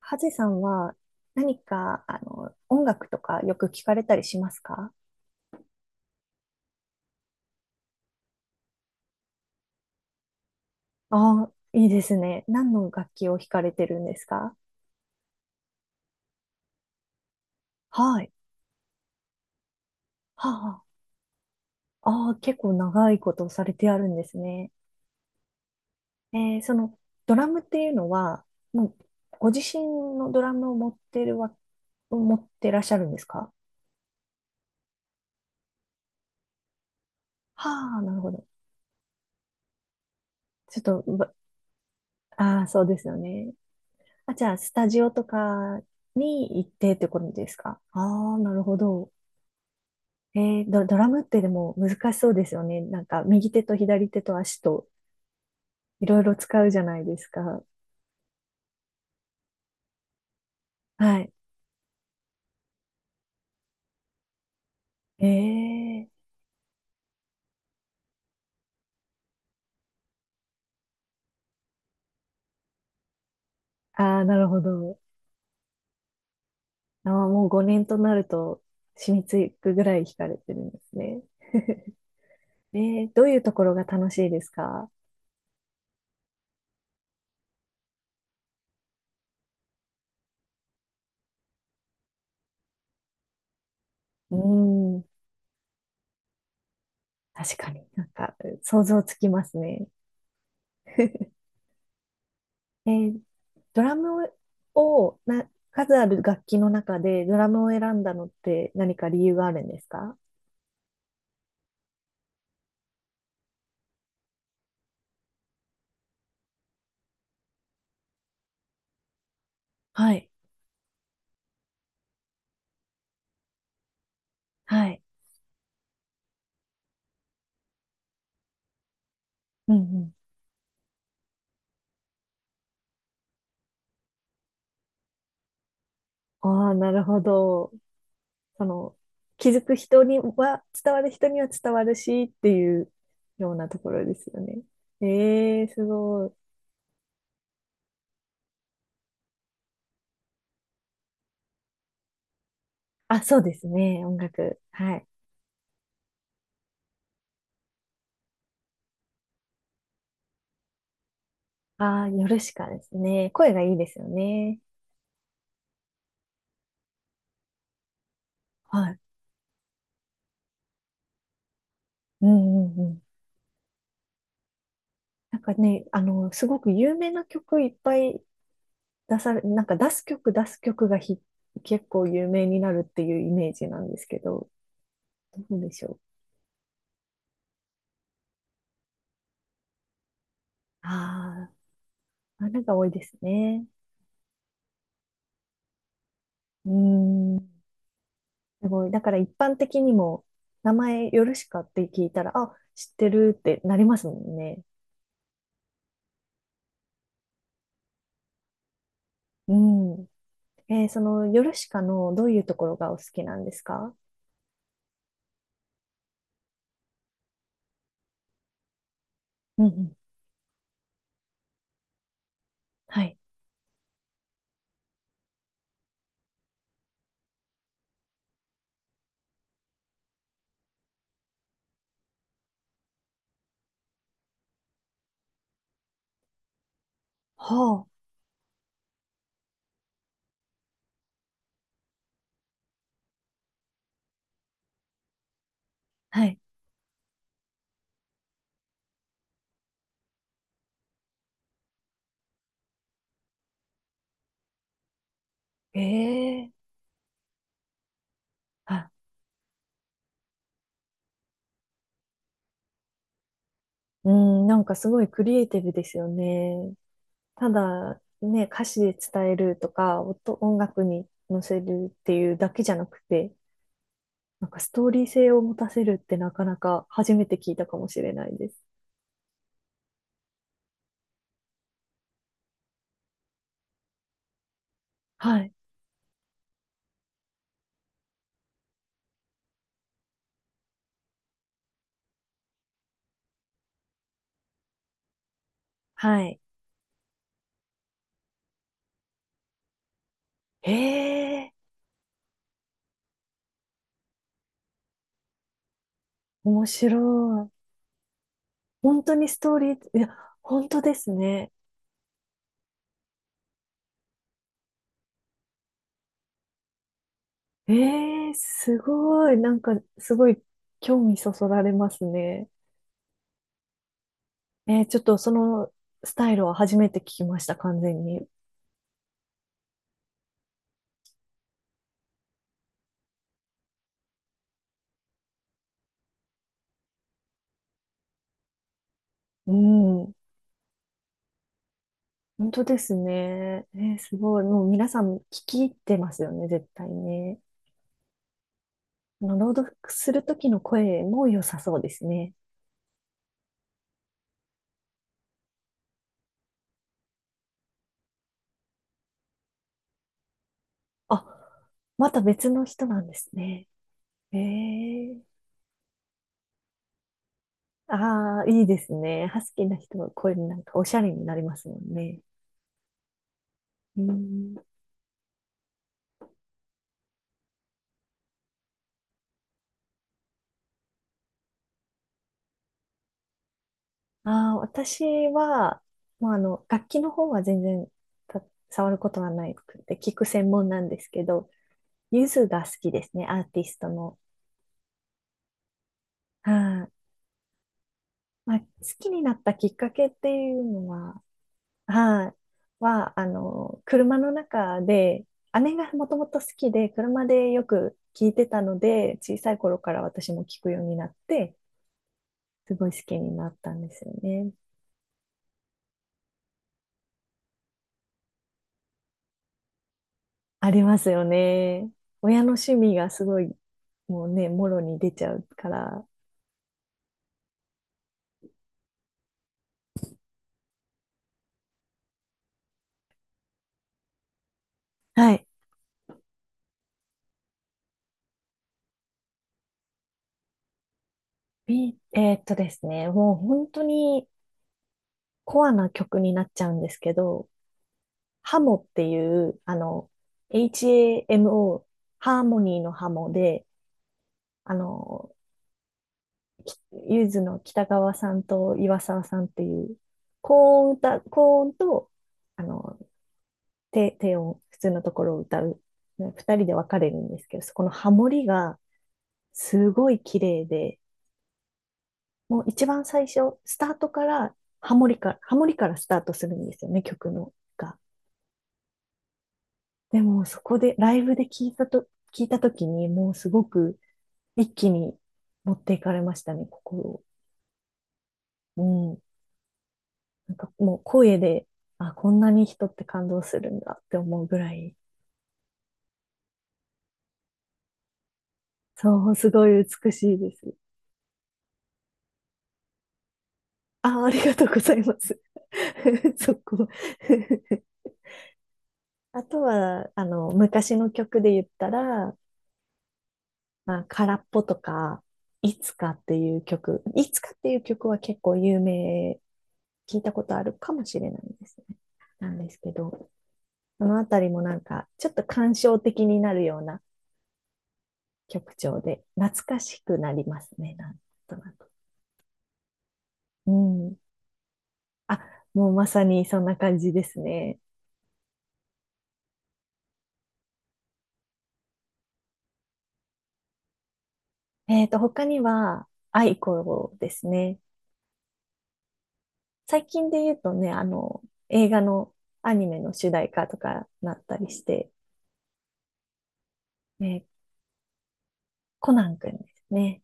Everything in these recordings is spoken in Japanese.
ハゼさんは何か、音楽とかよく聞かれたりしますか？ああ、いいですね。何の楽器を弾かれてるんですか？はい。はあ、ああ、結構長いことをされてあるんですね。えーその、ドラムっていうのは、もう、ご自身のドラムを持ってらっしゃるんですか？はあ、なるほど。ちょっと、ばああ、そうですよね。あ、じゃあ、スタジオとかに行ってってことですか？ああ、なるほど。えドラムってでも難しそうですよね。なんか右手と左手と足といろいろ使うじゃないですか。はい。ええー。ああ、なるほど。あー、もう5年となると染みつくぐらい弾かれてるんですね。えどういうところが楽しいですか？うーん、確かになんか想像つきますね。えードラムを数ある楽器の中でドラムを選んだのって何か理由があるんですか？はい。はい。うんああ、なるほど。その、気づく人には、伝わる人には伝わるしっていうようなところですよね。ええ、すごい。あ、そうですね。音楽。はい。ああ、ヨルシカですね。声がいいですよね。はい。うんうんうん。なんかね、すごく有名な曲いっぱい出され、なんか出す曲出す曲がひ、結構有名になるっていうイメージなんですけど、どうでしょう。ああ、なんか多いですね。うーん。すごい。だから一般的にも、名前ヨルシカって聞いたら、あ、知ってるってなりますもんね。うん。えーそのヨルシカのどういうところがお好きなんですか？うんうん。はい。はあ。はい。ええあ、うん、なんかすごいクリエイティブですよね。ただ、ね、歌詞で伝えるとか、音楽に乗せるっていうだけじゃなくて、なんかストーリー性を持たせるってなかなか初めて聞いたかもしれないです。はい。はい。ええ面白い。本当にストーリー、いや、本当ですね。ええすごい。なんか、すごい興味そそられますね。えーちょっとそのスタイルは初めて聞きました、完全に。うん。本当ですね。えーすごい。もう皆さん聞き入ってますよね、絶対ね。あの朗読する時の声も良さそうですね。あ、また別の人なんですね。ええああ、いいですね。ハスキーな人はこういうなんかおしゃれになりますもんね。うん。ああ、私は、楽器の方は全然た触ることはないくて、聞く専門なんですけど、ゆずが好きですね、アーティストの。はい。まあ、好きになったきっかけっていうのは、はい。は、車の中で、姉がもともと好きで、車でよく聞いてたので、小さい頃から私も聞くようになって、すごい好きになったんですよね。ありますよね。親の趣味がすごい、もうね、もろに出ちゃうから。はい。ビえーっとですね、もう本当にコアな曲になっちゃうんですけど、ハモっていう、HAMO、ハーモニーのハモで、あの、ゆずの北川さんと岩沢さんっていう、高音と、あの、低音、普通のところを歌う。ね二人で分かれるんですけど、そこのハモリがすごい綺麗で、もう一番最初、スタートからハモリからスタートするんですよね、曲のが。でもそこでライブで聞いたと、聞いたときにもうすごく一気に持っていかれましたね、心を。うん。なんかもう声で、あ、こんなに人って感動するんだって思うぐらい、そう、すごい美しいです。あ、ありがとうございます。そこ あとは、昔の曲で言ったら、まあ、空っぽとか、いつかっていう曲は結構有名、聞いたことあるかもしれないですね。なんですけど、そのあたりもなんか、ちょっと感傷的になるような曲調で、懐かしくなりますね、なんとなく。うん。あ、もうまさにそんな感じですね。えっと、他には、アイコですね。最近で言うとね、あの、映画のアニメの主題歌とかなったりして、ね、コナンくんですね。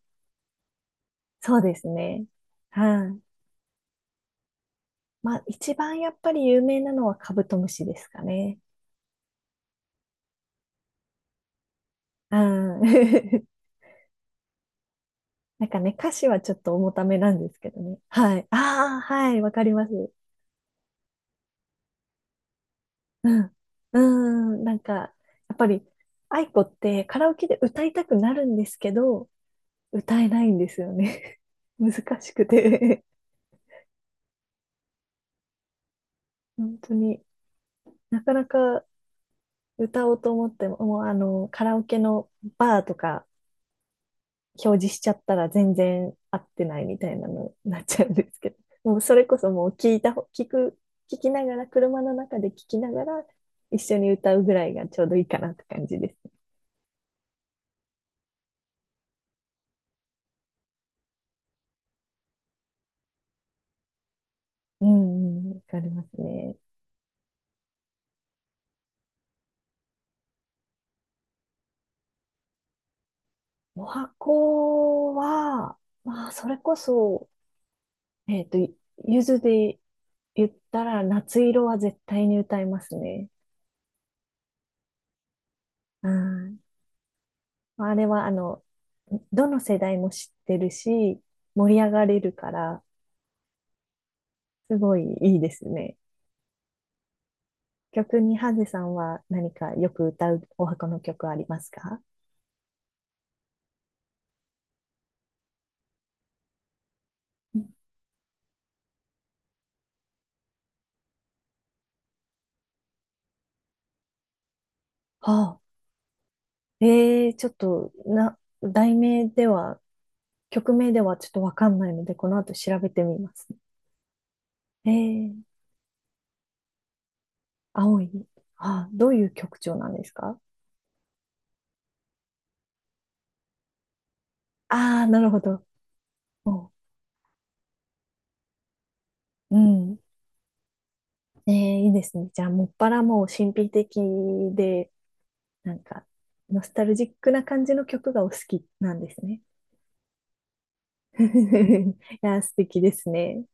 そうですね。はい。まあ、一番やっぱり有名なのはカブトムシですかね。うん。なんかね、歌詞はちょっと重ためなんですけどね。はい。ああ、はい、わかります。うん。うーん、なんか、やっぱり、愛子ってカラオケで歌いたくなるんですけど、歌えないんですよね。難しくて本当になかなか歌おうと思っても、もうあの、カラオケのバーとか表示しちゃったら全然合ってないみたいなのになっちゃうんですけど、もうそれこそもう聞いた聞く、聞きながら、車の中で聞きながら一緒に歌うぐらいがちょうどいいかなって感じです。うんうん、わかりますね。お箱は、まあ、それこそ、えっと、ゆずで言ったら夏色は絶対に歌いますね。うんまあれは、どの世代も知ってるし、盛り上がれるから、すごいいいですね。曲に、ハゼさんは何かよく歌うお箱の曲ありますか？うんはあ、えー、ちょっと、な、題名では、曲名ではちょっとわかんないので、この後調べてみます。えー、青い。ああ、どういう曲調なんですか？ああなるほど。もう、うん。えー、いいですね。じゃあ、もっぱらもう神秘的で、なんか、ノスタルジックな感じの曲がお好きなんですね。いや素敵ですね。